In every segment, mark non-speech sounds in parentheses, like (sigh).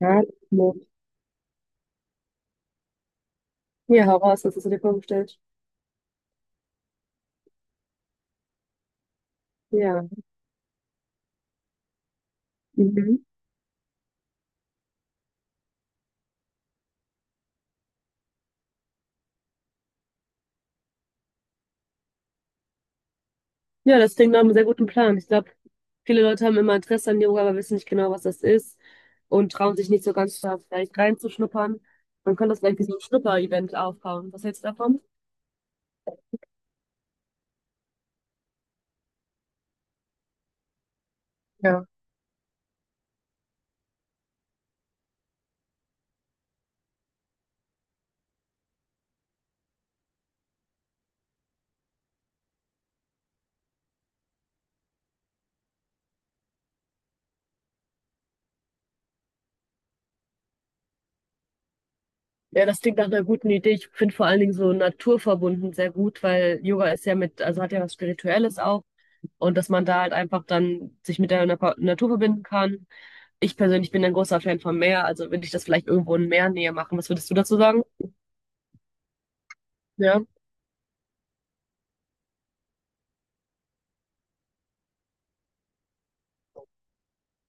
Ja, Not. Ja, heraus, raus, was hast du dir vorgestellt? Ja. Mhm. Ja, das klingt nach einem sehr guten Plan. Ich glaube, viele Leute haben immer Interesse an Yoga, aber wissen nicht genau, was das ist und trauen sich nicht so ganz da vielleicht reinzuschnuppern. Man könnte das vielleicht wie so ein Schnupper-Event aufbauen. Was hältst du davon? Ja. Ja, das klingt nach einer guten Idee. Ich finde vor allen Dingen so naturverbunden sehr gut, weil Yoga ist ja mit, also hat ja was Spirituelles auch, und dass man da halt einfach dann sich mit der Natur verbinden kann. Ich persönlich bin ein großer Fan vom Meer, also würde ich das vielleicht irgendwo in Meernähe machen. Was würdest du dazu sagen? Ja,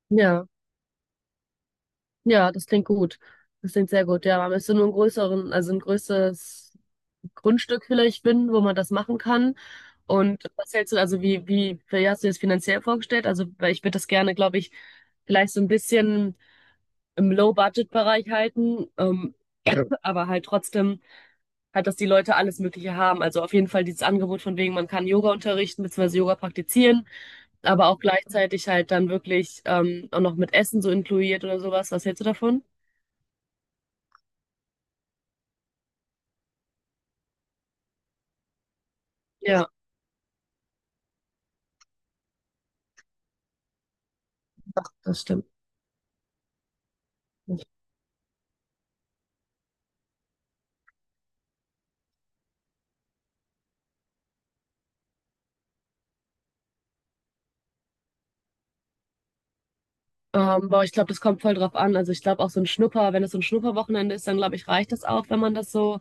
ja, ja, das klingt gut. Das klingt sehr gut. Ja, man müsste nur einen größeren, also ein größeres Grundstück vielleicht finden, wo man das machen kann. Und was hältst du, also wie hast du dir das finanziell vorgestellt? Also, weil ich würde das gerne, glaube ich, vielleicht so ein bisschen im Low-Budget-Bereich halten, (clears throat) aber halt trotzdem halt, dass die Leute alles Mögliche haben. Also auf jeden Fall dieses Angebot von wegen, man kann Yoga unterrichten, beziehungsweise Yoga praktizieren. Aber auch gleichzeitig halt dann wirklich auch noch mit Essen so inkludiert oder sowas. Was hältst du davon? Ja, das stimmt. Boah, ich glaube, das kommt voll drauf an. Also ich glaube auch so ein Schnupper, wenn es so ein Schnupperwochenende ist, dann glaube ich, reicht das auch, wenn man das so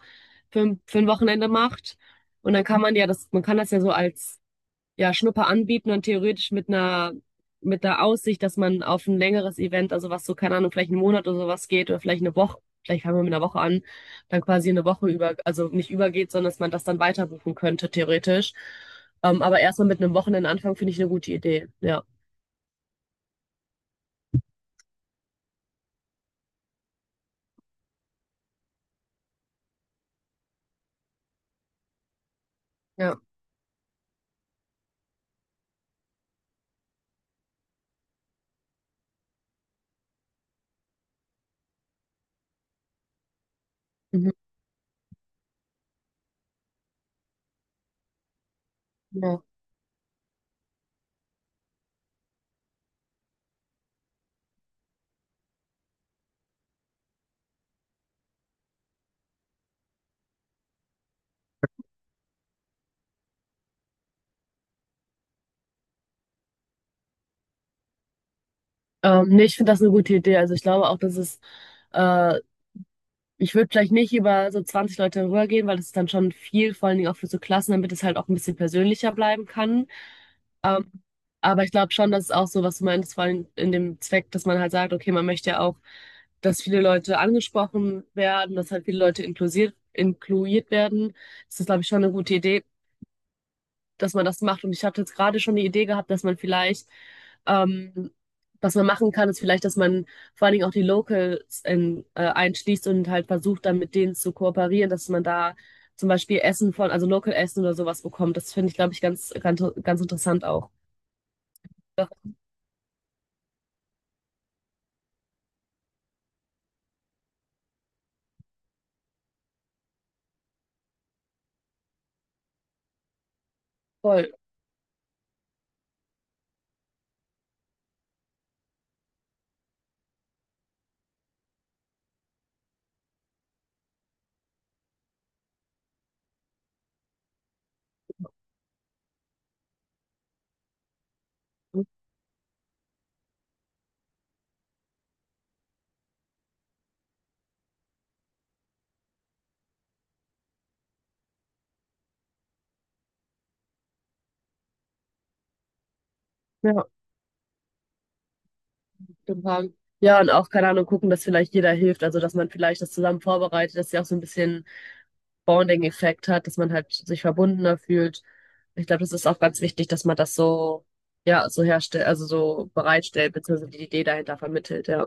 für ein Wochenende macht. Und dann kann man ja das, man kann das ja so als ja, Schnupper anbieten und theoretisch mit mit der Aussicht, dass man auf ein längeres Event, also was so, keine Ahnung, vielleicht einen Monat oder sowas geht oder vielleicht eine Woche, vielleicht fangen wir mit einer Woche an, dann quasi eine Woche über, also nicht übergeht, sondern dass man das dann weiter buchen könnte, theoretisch. Aber erstmal mit einem Wochenendanfang finde ich eine gute Idee. Ja, ja. Mhm. Ja. Nee, ich finde das eine gute Idee. Also ich glaube auch, dass es äh, ich würde vielleicht nicht über so 20 Leute rübergehen, weil das ist dann schon viel, vor allen Dingen auch für so Klassen, damit es halt auch ein bisschen persönlicher bleiben kann. Ähm, aber ich glaube schon, dass es auch so, was du meinst, vor allem in dem Zweck, dass man halt sagt, okay, man möchte ja auch, dass viele Leute angesprochen werden, dass halt viele Leute inklusiert, inkluiert werden. Das ist, glaube ich, schon eine gute Idee, dass man das macht. Und ich hatte jetzt gerade schon die Idee gehabt, dass man vielleicht, ähm, was man machen kann, ist vielleicht, dass man vor allen Dingen auch die Locals einschließt und halt versucht, dann mit denen zu kooperieren, dass man da zum Beispiel Essen von, also Local Essen oder sowas bekommt. Das finde ich, glaube ich, ganz interessant auch. Ja, voll. Ja, total. Ja, und auch, keine Ahnung, gucken, dass vielleicht jeder hilft, also dass man vielleicht das zusammen vorbereitet, dass sie auch so ein bisschen Bonding-Effekt hat, dass man halt sich verbundener fühlt. Ich glaube, das ist auch ganz wichtig, dass man das so, ja, so herstellt, also so bereitstellt, beziehungsweise die Idee dahinter vermittelt, ja.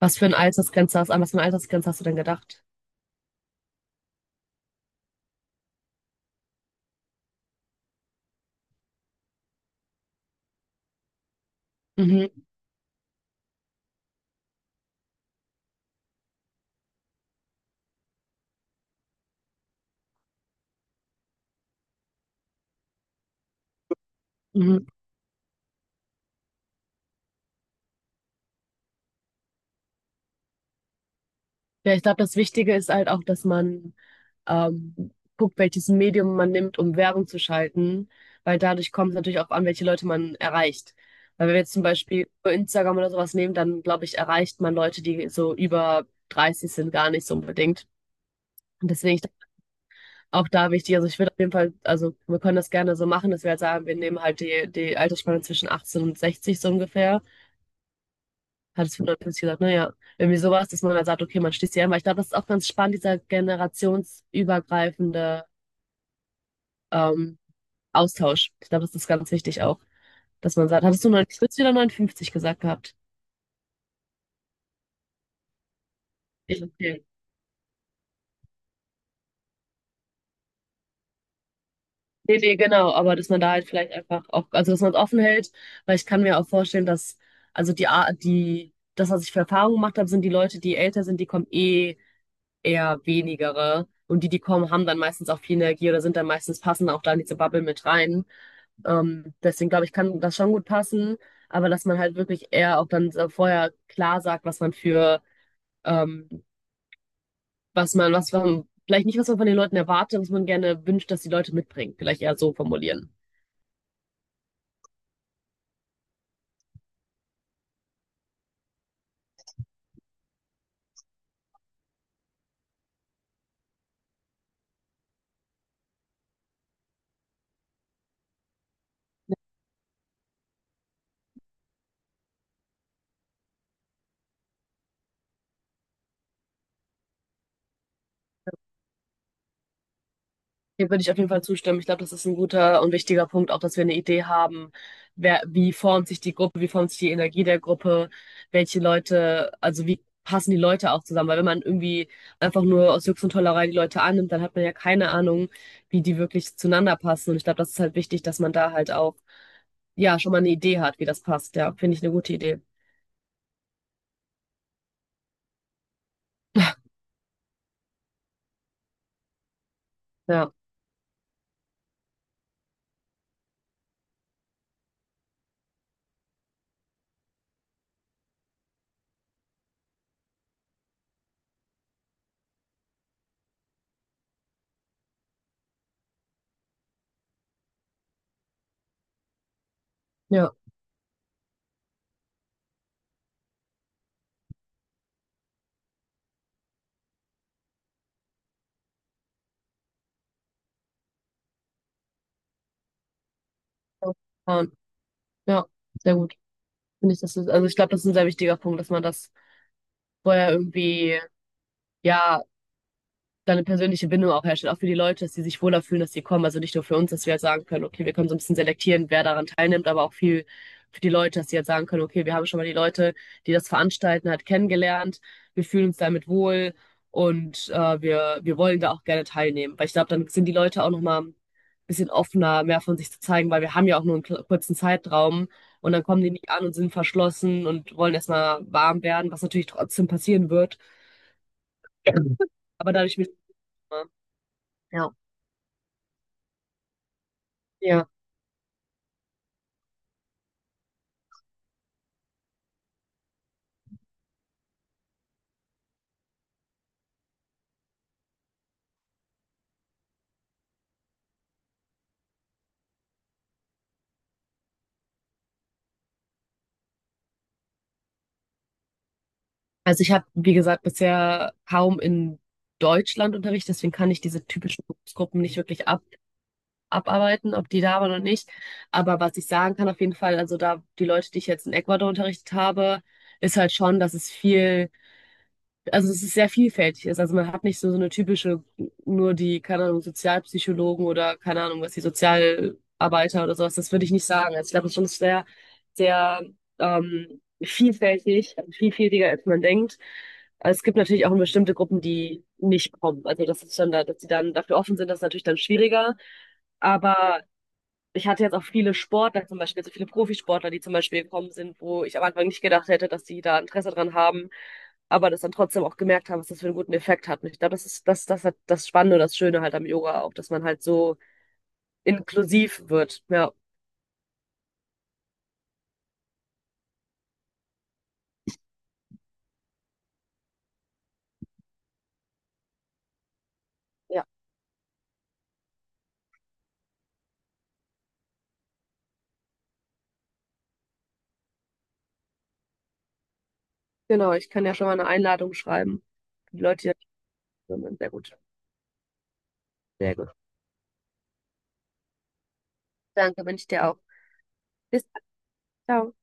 Was für ein Altersgrenze hast, an was für eine Altersgrenze hast du denn gedacht? Mhm, mhm. Ja, ich glaube, das Wichtige ist halt auch, dass man ähm, guckt, welches Medium man nimmt, um Werbung zu schalten, weil dadurch kommt es natürlich auch an, welche Leute man erreicht. Weil wenn wir jetzt zum Beispiel nur Instagram oder sowas nehmen, dann glaube ich, erreicht man Leute, die so über 30 sind, gar nicht so unbedingt. Und deswegen ich, auch da wichtig, also ich würde auf jeden Fall, also wir können das gerne so machen, dass wir halt sagen, wir nehmen halt die Altersspanne zwischen 18 und 60 so ungefähr. Hat es 55 gesagt, naja, irgendwie sowas, dass man dann sagt, okay, man schließt die ein, weil ich glaube, das ist auch ganz spannend, dieser generationsübergreifende ähm, Austausch. Ich glaube, das ist ganz wichtig auch, dass man sagt, hattest du 59 gesagt gehabt? Okay. Nee, nee, genau, aber dass man da halt vielleicht einfach auch, also dass man es offen hält, weil ich kann mir auch vorstellen, dass, also die Art, das, was ich für Erfahrungen gemacht habe, sind die Leute, die älter sind, die kommen eh eher wenigere. Und die kommen, haben dann meistens auch viel Energie oder sind dann meistens passen auch da in diese Bubble mit rein. Deswegen glaube ich, kann das schon gut passen, aber dass man halt wirklich eher auch dann so vorher klar sagt, was man für ähm, was man, vielleicht nicht, was man von den Leuten erwartet, was man gerne wünscht, dass die Leute mitbringen. Vielleicht eher so formulieren. Dem würde ich auf jeden Fall zustimmen. Ich glaube, das ist ein guter und wichtiger Punkt, auch dass wir eine Idee haben, wer, wie formt sich die Gruppe, wie formt sich die Energie der Gruppe, welche Leute, also wie passen die Leute auch zusammen. Weil wenn man irgendwie einfach nur aus Jux und Tollerei die Leute annimmt, dann hat man ja keine Ahnung, wie die wirklich zueinander passen. Und ich glaube, das ist halt wichtig, dass man da halt auch, ja, schon mal eine Idee hat, wie das passt. Ja, finde ich eine gute Idee. Ja, ja, ja, ja, sehr gut. Finde ich, das ist, also ich glaube, das ist ein sehr wichtiger Punkt, dass man das vorher irgendwie, ja, da eine persönliche Bindung auch herstellt, auch für die Leute, dass sie sich wohler fühlen, dass sie kommen. Also nicht nur für uns, dass wir halt sagen können, okay, wir können so ein bisschen selektieren, wer daran teilnimmt, aber auch viel für die Leute, dass sie halt sagen können, okay, wir haben schon mal die Leute, die das veranstalten, halt kennengelernt, wir fühlen uns damit wohl und wir wollen da auch gerne teilnehmen. Weil ich glaube, dann sind die Leute auch nochmal ein bisschen offener, mehr von sich zu zeigen, weil wir haben ja auch nur einen kurzen Zeitraum und dann kommen die nicht an und sind verschlossen und wollen erstmal warm werden, was natürlich trotzdem passieren wird. Aber dadurch, ja, ja. Also ich habe, wie gesagt, bisher kaum in Deutschland Unterricht, deswegen kann ich diese typischen Berufsgruppen nicht wirklich abarbeiten, ob die da waren oder nicht. Aber was ich sagen kann auf jeden Fall, also da die Leute, die ich jetzt in Ecuador unterrichtet habe, ist halt schon, dass es viel, also es ist sehr vielfältig ist. Also man hat nicht so, so eine typische, nur die, keine Ahnung, Sozialpsychologen oder keine Ahnung, was die Sozialarbeiter oder sowas, das würde ich nicht sagen. Also ich glaube, es ist schon sehr, sehr vielfältig, vielfältiger als man denkt. Es gibt natürlich auch bestimmte Gruppen, die nicht kommen. Also das ist dann da, dass die dann dafür offen sind, das ist natürlich dann schwieriger. Aber ich hatte jetzt auch viele Sportler zum Beispiel, also viele Profisportler, die zum Beispiel gekommen sind, wo ich am Anfang nicht gedacht hätte, dass die da Interesse dran haben, aber das dann trotzdem auch gemerkt haben, was das für einen guten Effekt hat. Und ich glaube, das ist das, das hat das Spannende, und das Schöne halt am Yoga auch, dass man halt so inklusiv wird. Ja, ja, genau. Ich kann ja schon mal eine Einladung schreiben. Die Leute, die da kommen, sehr gut. Sehr gut. Danke, wünsche ich dir auch. Bis, ciao.